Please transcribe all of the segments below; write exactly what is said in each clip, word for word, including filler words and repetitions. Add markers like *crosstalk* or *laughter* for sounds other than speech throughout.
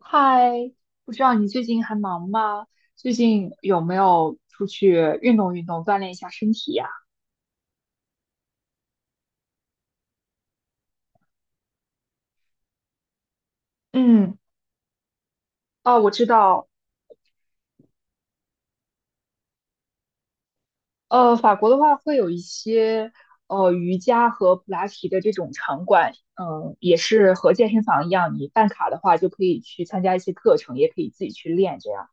嗨，不知道你最近还忙吗？最近有没有出去运动运动，锻炼一下身体呀？嗯，哦，我知道，呃，法国的话会有一些呃瑜伽和普拉提的这种场馆，嗯，也是和健身房一样，你办卡的话就可以去参加一些课程，也可以自己去练这样。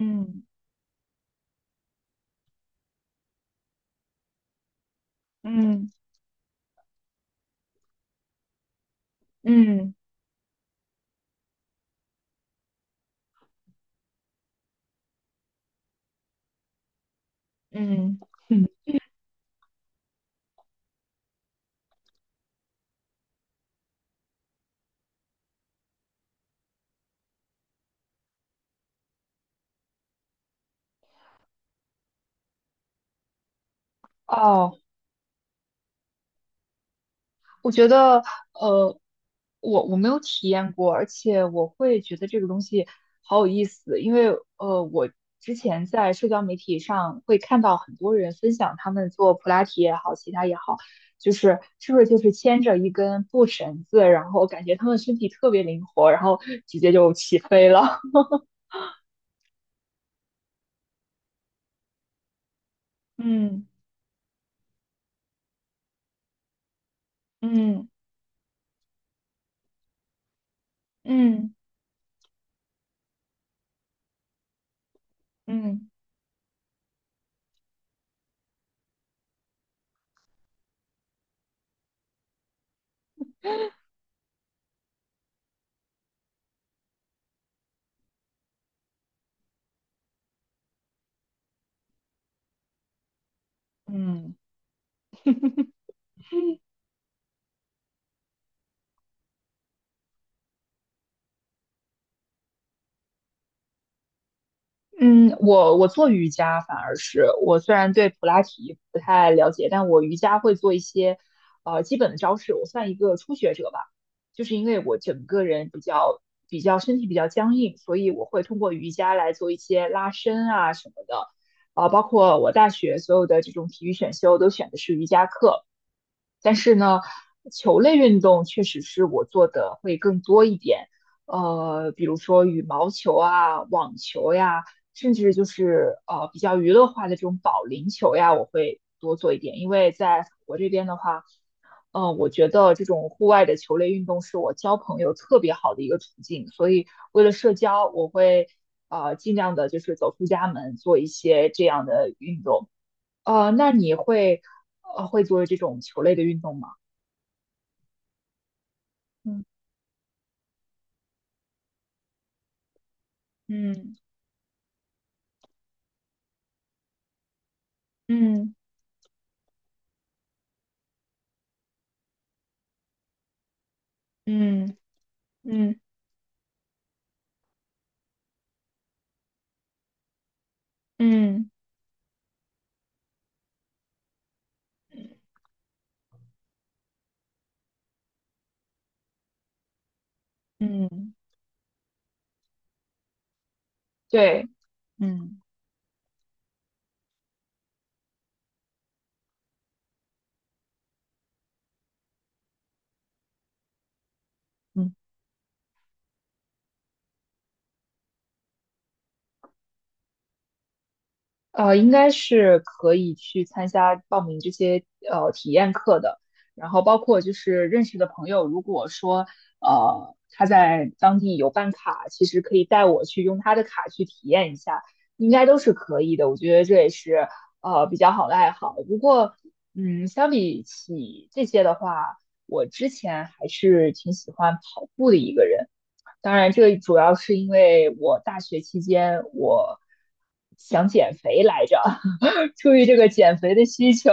嗯嗯嗯嗯，嗯，*laughs* 哦，我觉得，呃，我我没有体验过，而且我会觉得这个东西好有意思，因为呃，我之前在社交媒体上会看到很多人分享他们做普拉提也好，其他也好，就是是不是就是牵着一根布绳子，然后感觉他们身体特别灵活，然后直接就起飞了。*laughs* 嗯嗯嗯嗯嗯。嗯，我我做瑜伽反而是我虽然对普拉提不太了解，但我瑜伽会做一些呃基本的招式，我算一个初学者吧。就是因为我整个人比较比较身体比较僵硬，所以我会通过瑜伽来做一些拉伸啊什么的。啊、包括我大学所有的这种体育选修都选的是瑜伽课，但是呢，球类运动确实是我做的会更多一点，呃，比如说羽毛球啊、网球呀，甚至就是呃比较娱乐化的这种保龄球呀，我会多做一点。因为在法国这边的话，呃，我觉得这种户外的球类运动是我交朋友特别好的一个途径，所以为了社交，我会呃尽量的就是走出家门做一些这样的运动。呃，那你会呃会做这种球类的运动吗？嗯嗯嗯嗯嗯嗯嗯，嗯对，嗯嗯。呃，应该是可以去参加报名这些呃体验课的，然后包括就是认识的朋友，如果说呃他在当地有办卡，其实可以带我去用他的卡去体验一下，应该都是可以的。我觉得这也是呃比较好的爱好。不过，嗯，相比起这些的话，我之前还是挺喜欢跑步的一个人。当然，这主要是因为我大学期间我想减肥来着，*laughs* 出于这个减肥的需求，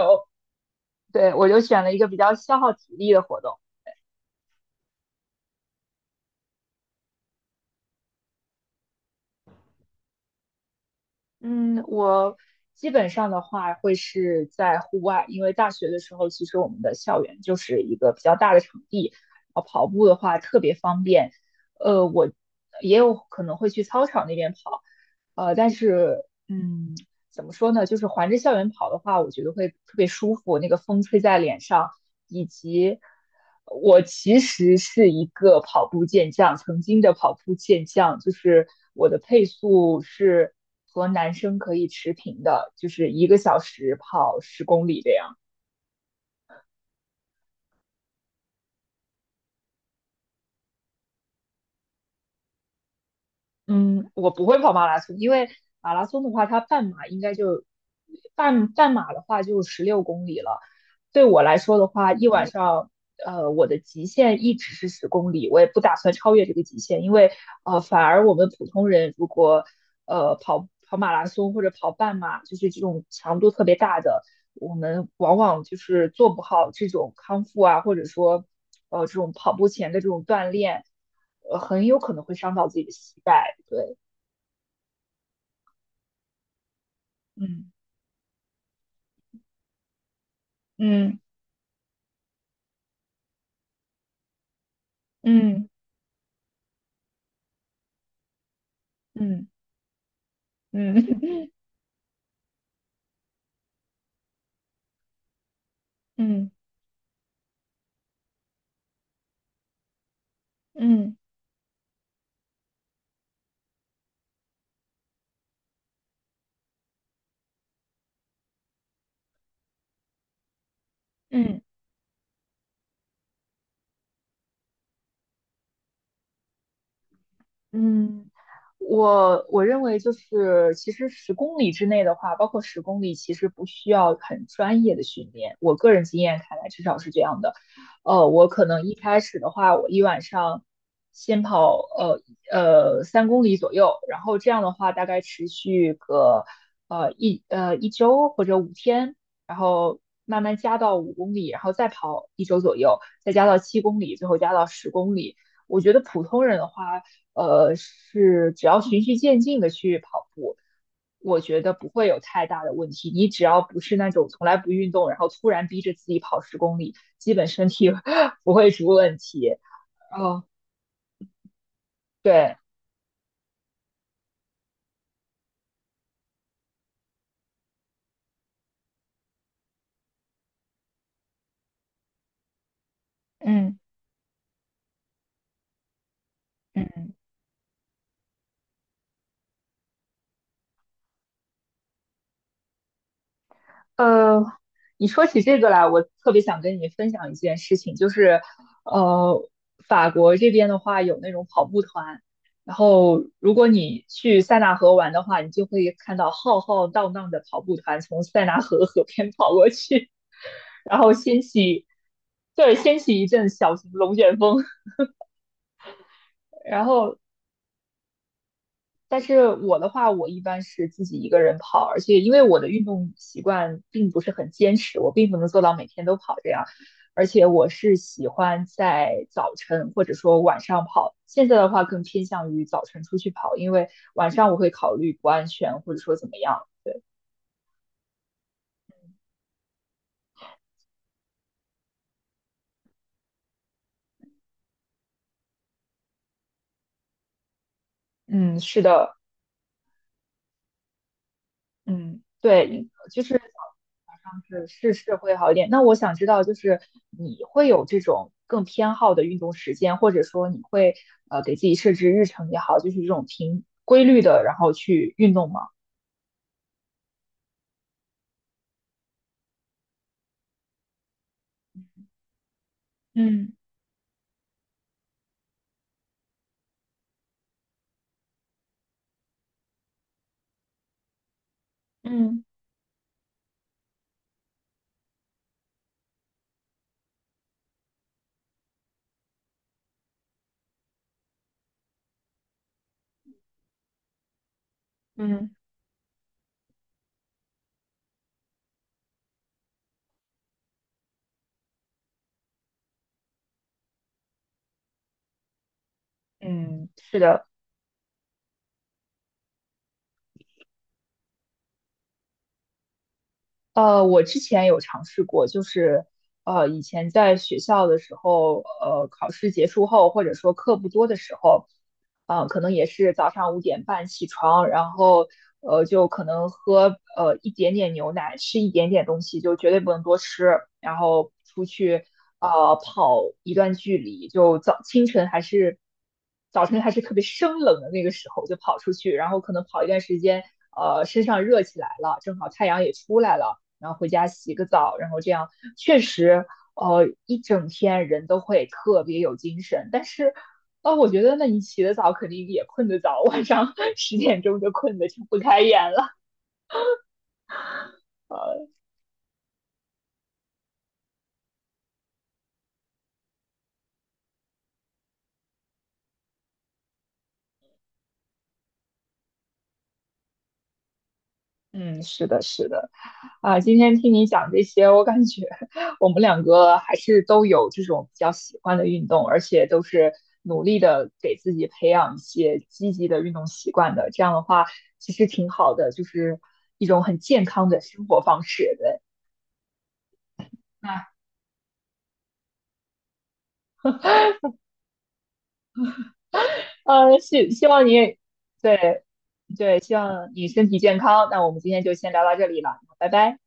对我就选了一个比较消耗体力的活动。嗯，我基本上的话会是在户外，因为大学的时候，其实我们的校园就是一个比较大的场地，啊，跑步的话特别方便。呃，我也有可能会去操场那边跑，呃，但是嗯，怎么说呢，就是环着校园跑的话，我觉得会特别舒服，那个风吹在脸上，以及我其实是一个跑步健将，曾经的跑步健将，就是我的配速是和男生可以持平的，就是一个小时跑十公里这样。嗯，我不会跑马拉松，因为马拉松的话，它半马应该就半半马的话就十六公里了，对我来说的话，一晚上，呃，我的极限一直是十公里，我也不打算超越这个极限，因为呃，反而我们普通人如果呃跑跑马拉松或者跑半马，就是这种强度特别大的，我们往往就是做不好这种康复啊，或者说呃这种跑步前的这种锻炼，呃，很有可能会伤到自己的膝盖。对，嗯嗯嗯嗯嗯嗯嗯嗯。嗯嗯嗯嗯，我我认为就是，其实十公里之内的话，包括十公里，其实不需要很专业的训练。我个人经验看来，至少是这样的。呃，我可能一开始的话，我一晚上先跑呃呃三公里左右，然后这样的话大概持续个呃一呃一周或者五天，然后慢慢加到五公里，然后再跑一周左右，再加到七公里，最后加到十公里。我觉得普通人的话，呃，是只要循序渐进的去跑步，我觉得不会有太大的问题。你只要不是那种从来不运动，然后突然逼着自己跑十公里，基本身体 *laughs* 不会出问题。哦，对，嗯嗯。呃，你说起这个来，我特别想跟你分享一件事情，就是，呃，法国这边的话有那种跑步团，然后如果你去塞纳河玩的话，你就会看到浩浩荡荡的跑步团从塞纳河河边跑过去，*laughs* 然后掀起，对，掀起一阵小型龙卷风，*laughs* 然后但是我的话，我一般是自己一个人跑，而且因为我的运动习惯并不是很坚持，我并不能做到每天都跑这样。而且我是喜欢在早晨或者说晚上跑，现在的话更偏向于早晨出去跑，因为晚上我会考虑不安全或者说怎么样。对，嗯，是的，嗯，对，就是早上是是是会好一点。那我想知道，就是你会有这种更偏好的运动时间，或者说你会呃给自己设置日程也好，就是这种平规律的，然后去运动吗？嗯嗯嗯嗯，是的，呃，我之前有尝试过，就是呃，以前在学校的时候，呃，考试结束后，或者说课不多的时候，呃，可能也是早上五点半起床，然后呃，就可能喝呃一点点牛奶，吃一点点东西，就绝对不能多吃，然后出去呃跑一段距离，就早清晨还是早晨还是特别生冷的那个时候，就跑出去，然后可能跑一段时间，呃，身上热起来了，正好太阳也出来了。然后回家洗个澡，然后这样确实，呃，一整天人都会特别有精神。但是，呃，我觉得那你起得早肯定也困得早，晚上 *laughs* 十点钟就困得睁不开眼了。嗯，是的，是的，啊，今天听你讲这些，我感觉我们两个还是都有这种比较喜欢的运动，而且都是努力的给自己培养一些积极的运动习惯的。这样的话，其实挺好的，就是一种很健康的生活方式。对，那呃，希希望你，对对，希望你身体健康。那我们今天就先聊到这里了，拜拜。